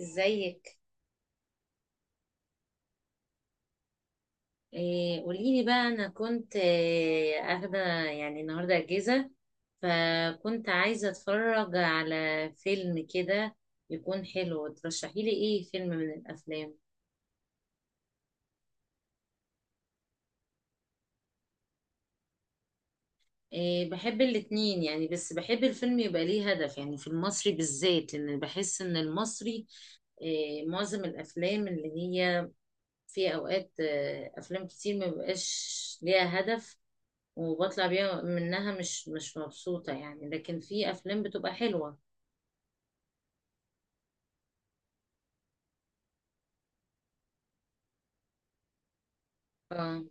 ازيك؟ قوليلي بقى، انا كنت اخده. يعني النهارده اجازه، فكنت عايزه اتفرج على فيلم كده يكون حلو. ترشحيلي ايه فيلم من الافلام؟ بحب الاتنين يعني، بس بحب الفيلم يبقى ليه هدف. يعني في المصري بالذات، لان بحس ان المصري معظم الافلام اللي هي في اوقات افلام كتير ما بيبقاش ليها هدف، وبطلع بيها، منها مش مبسوطة يعني، لكن في أفلام بتبقى حلوة. اه،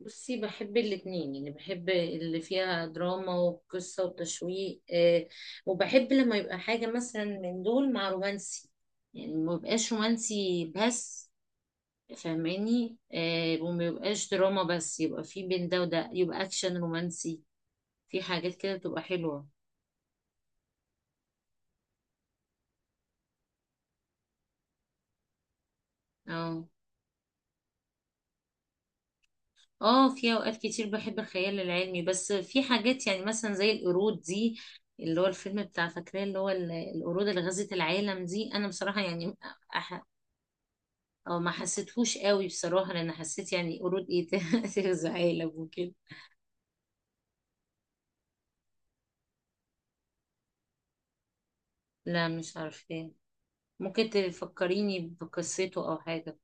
بصي، بحب الاتنين يعني. بحب اللي فيها دراما وقصة وتشويق وبحب لما يبقى حاجة مثلا من دول مع رومانسي. يعني ما يبقاش رومانسي بس، فاهماني؟ وما يبقاش دراما بس، يبقى في بين ده وده، يبقى أكشن رومانسي. في حاجات كده بتبقى حلوة. اه. اه، في اوقات كتير بحب الخيال العلمي، بس في حاجات يعني مثلا زي القرود دي، اللي هو الفيلم بتاع، فاكراه اللي هو القرود اللي غزت العالم دي؟ انا بصراحة يعني أح... أو ما حسيتهوش قوي بصراحة، لان حسيت يعني قرود ايه ت- تغزى عالم وكده. لا، مش عارفاه. ممكن تفكريني بقصته او حاجة؟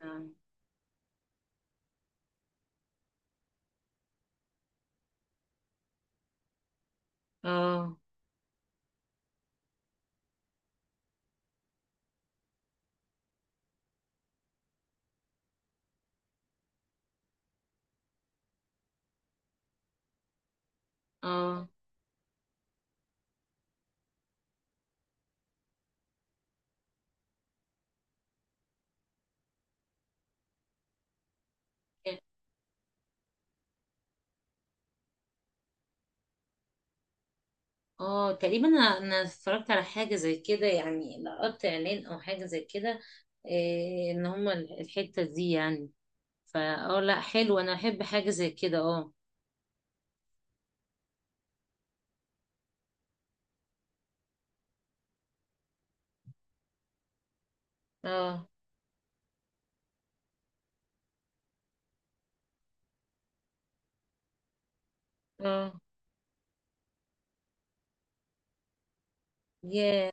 اه. اه. آه. اه تقريبا، انا اتفرجت على حاجه زي كده يعني، لقطت اعلان او حاجه زي كده، ان هما الحته دي يعني. فا اه، لا حلو، انا احب حاجه زي كده، اه. اه. اه. يا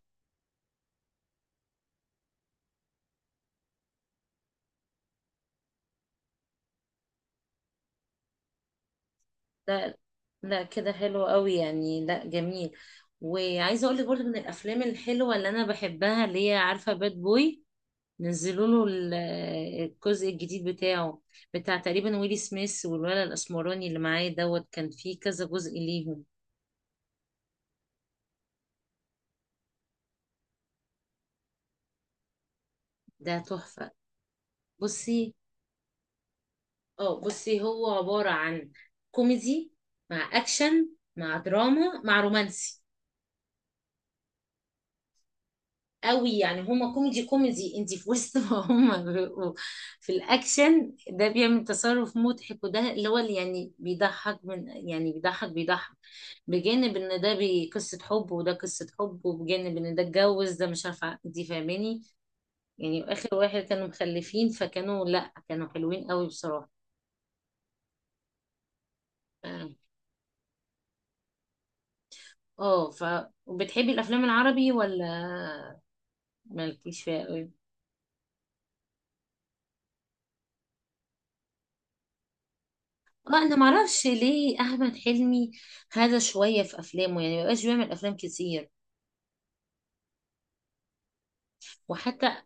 لا، لا، كده حلو قوي يعني، لا جميل. وعايزه اقول لك برضه، من الافلام الحلوه اللي انا بحبها اللي هي، عارفه باد بوي؟ نزلوا له الجزء الجديد بتاعه، بتاع تقريبا ويلي سميث والولد الاسمراني اللي معاه دوت. كان فيه كذا جزء ليهم، ده تحفة. بصي، اه بصي، هو عبارة عن كوميدي مع اكشن مع دراما مع رومانسي قوي يعني. هما كوميدي انت في وسط، ما هما بيبقوا في الاكشن ده بيعمل تصرف مضحك، وده اللي هو اللي يعني بيضحك، من يعني بيضحك، بجانب ان ده قصة حب، وده قصة حب، وبجانب ان ده اتجوز ده، مش عارفة، انت فاهماني؟ يعني اخر واحد كانوا مخلفين، فكانوا لا، كانوا حلوين قوي بصراحة. اه. وبتحبي الافلام العربي، ولا مالكيش فيها قوي؟ اه، انا معرفش ليه احمد حلمي هذا شويه في افلامه، يعني مبقاش بيعمل افلام كتير. وحتى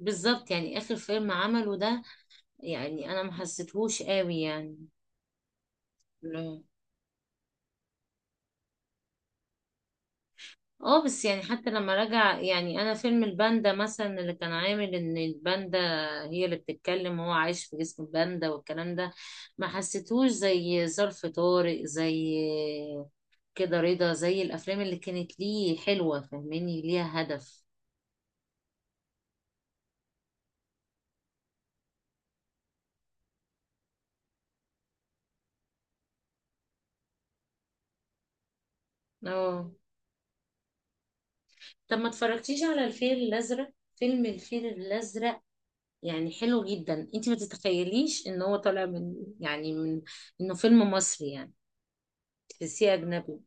بالظبط، يعني اخر فيلم عمله ده، يعني انا ما حسيتهوش قوي يعني. لا. اه بس يعني حتى لما رجع، يعني انا فيلم الباندا مثلا، اللي كان عامل ان الباندا هي اللي بتتكلم، وهو عايش في جسم الباندا والكلام ده، ما حسيتهوش زي ظرف طارق، زي كده رضا، زي الافلام اللي كانت ليه حلوة فاهماني، ليها هدف. اه. طب ما اتفرجتيش على الفيل الازرق؟ فيلم الفيل الازرق يعني حلو جدا. انت ما تتخيليش ان هو طالع من يعني من، انه فيلم مصري يعني، تحسيه اجنبي.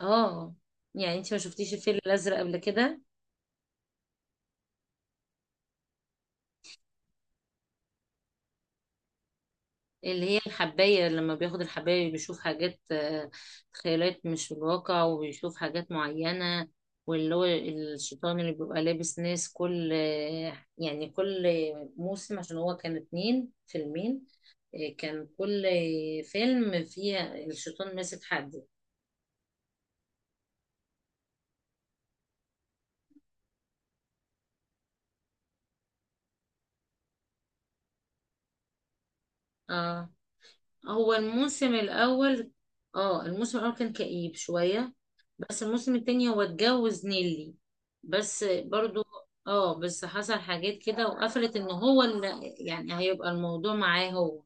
اه يعني، انت ما شفتيش الفيل الازرق قبل كده؟ اللي هي الحباية، لما بياخد الحباية بيشوف حاجات، خيالات مش في الواقع، وبيشوف حاجات معينة، واللي هو الشيطان اللي بيبقى لابس ناس، كل، يعني كل موسم. عشان هو كان فيلمين ، كان كل فيلم فيه الشيطان ماسك حد. اه، هو الموسم الأول، اه الموسم الأول كان كئيب شوية. بس الموسم التاني هو اتجوز نيلي بس برضو. اه بس حصل حاجات كده، وقفلت ان هو اللي يعني هيبقى الموضوع معاه هو.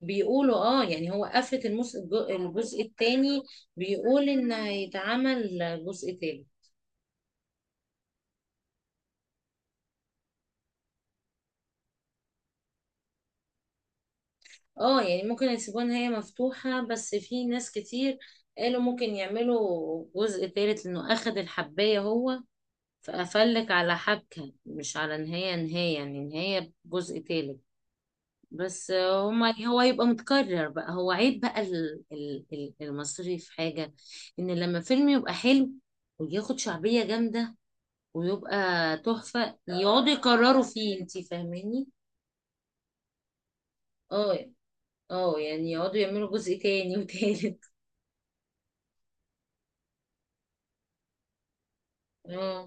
بيقولوا اه يعني، هو قفلت الجزء التاني. بيقول ان هيتعمل جزء تالت. اه يعني ممكن يسيبوها ان هي مفتوحة، بس في ناس كتير قالوا ممكن يعملوا جزء تالت لانه اخد الحباية هو، فقفلك على حبكة، مش على نهاية نهاية، يعني نهاية جزء تالت. بس هما هو يبقى متكرر بقى. هو عيب بقى المصري في حاجة، ان لما فيلم يبقى حلو وياخد شعبية جامدة ويبقى تحفة، يقعدوا يكرروا فيه، انتي فاهماني؟ اه. اه يعني يقعدوا يعملوا جزء تاني وتالت. اه،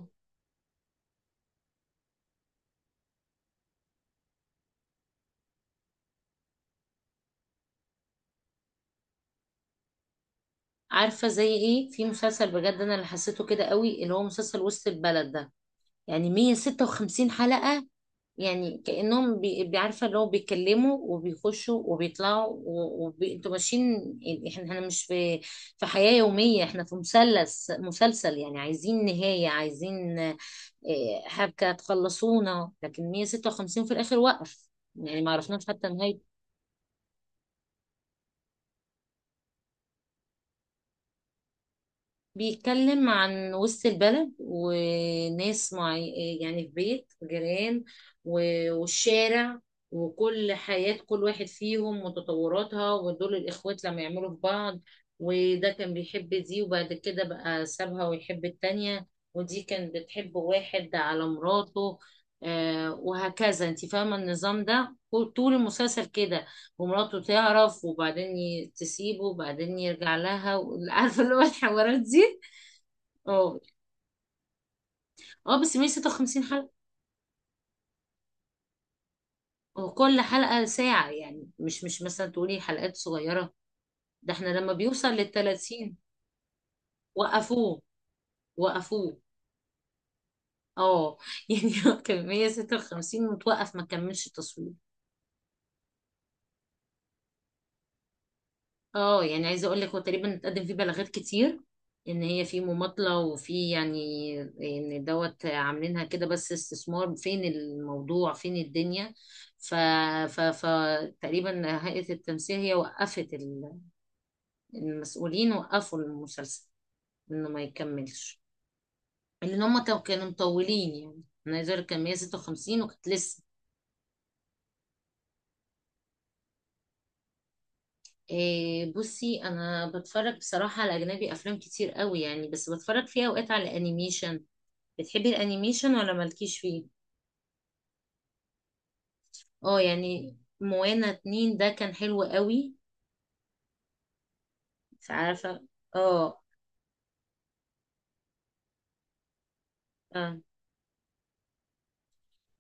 عارفة زي ايه؟ في مسلسل بجد انا اللي حسيته كده قوي، اللي هو مسلسل وسط البلد ده، يعني 156 حلقة. يعني كأنهم بيعرفة اللي هو بيتكلموا وبيخشوا وبيطلعوا، وانتوا ماشيين يعني. احنا مش في في حياة يومية، احنا في مثلث مسلسل يعني. عايزين نهاية، عايزين، حبكة تخلصونا، لكن 156 في الآخر وقف. يعني ما عرفناش حتى نهاية. بيتكلم عن وسط البلد وناس معي، يعني في بيت جيران والشارع، وكل حياة كل واحد فيهم وتطوراتها، ودول الإخوات لما يعملوا في بعض، وده كان بيحب دي وبعد كده بقى سابها ويحب التانية، ودي كانت بتحب واحد على مراته، وهكذا، انت فاهمة النظام ده طول المسلسل كده. ومراته تعرف وبعدين تسيبه وبعدين يرجع لها. عارفة اللي هو الحوارات دي؟ اه. اه بس 156 حلقة. هو كل حلقة ساعة يعني، مش مثلا تقولي حلقات صغيرة، ده احنا لما بيوصل لل30. وقفوه، وقفوه. اه، يعني هو كان 156 متوقف، ما كملش التصوير. اه يعني عايزة اقول لك، هو تقريبا اتقدم فيه بلاغات كتير ان هي في مماطلة، وفي يعني ان دوت عاملينها كده بس استثمار، فين الموضوع فين الدنيا. ف ف فتقريبا هيئة التمثيل هي وقفت، المسؤولين وقفوا المسلسل انه ما يكملش، لان هم كانوا مطولين. يعني انا عايزه اقول لك، كان 156 وكانت لسه. بصي، انا بتفرج بصراحه على اجنبي افلام كتير قوي يعني، بس بتفرج فيها اوقات على انيميشن. بتحبي الانيميشن ولا مالكيش فيه؟ اه يعني، موانا 2 ده كان حلو قوي. مش عارفه. اه. آه.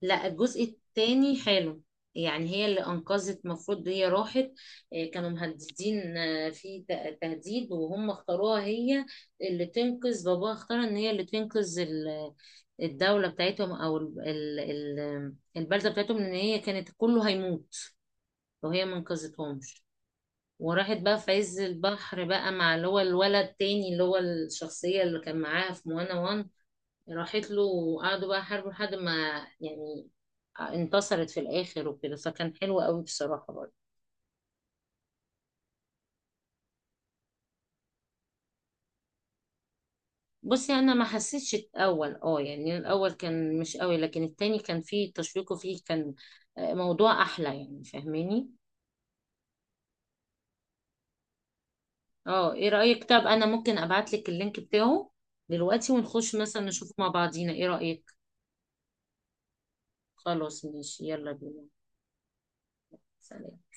لا الجزء التاني حلو. يعني هي اللي انقذت، المفروض هي راحت، كانوا مهددين، في تهديد، وهم اختاروها هي اللي تنقذ باباها. اختار ان هي اللي تنقذ الدولة بتاعتهم، او البلدة بتاعتهم، ان هي كانت كله هيموت لو هي ما انقذتهمش. وراحت بقى في عز البحر بقى، مع اللي هو الولد التاني، اللي هو الشخصية اللي كان معاها في موانا، وان راحت له وقعدوا بقى يحاربوا لحد ما يعني، انتصرت في الاخر وكده، فكان حلو قوي بصراحه برضه. بصي انا ما حسيتش الاول، اه يعني الاول كان مش قوي، لكن التاني كان فيه تشويق، وفيه كان، موضوع احلى يعني، فاهماني؟ اه، ايه رايك؟ طب انا ممكن ابعت لك اللينك بتاعه دلوقتي، ونخش مثلا نشوف مع بعضينا، ايه رايك؟ خلاص ماشي، يلا بينا. سلام.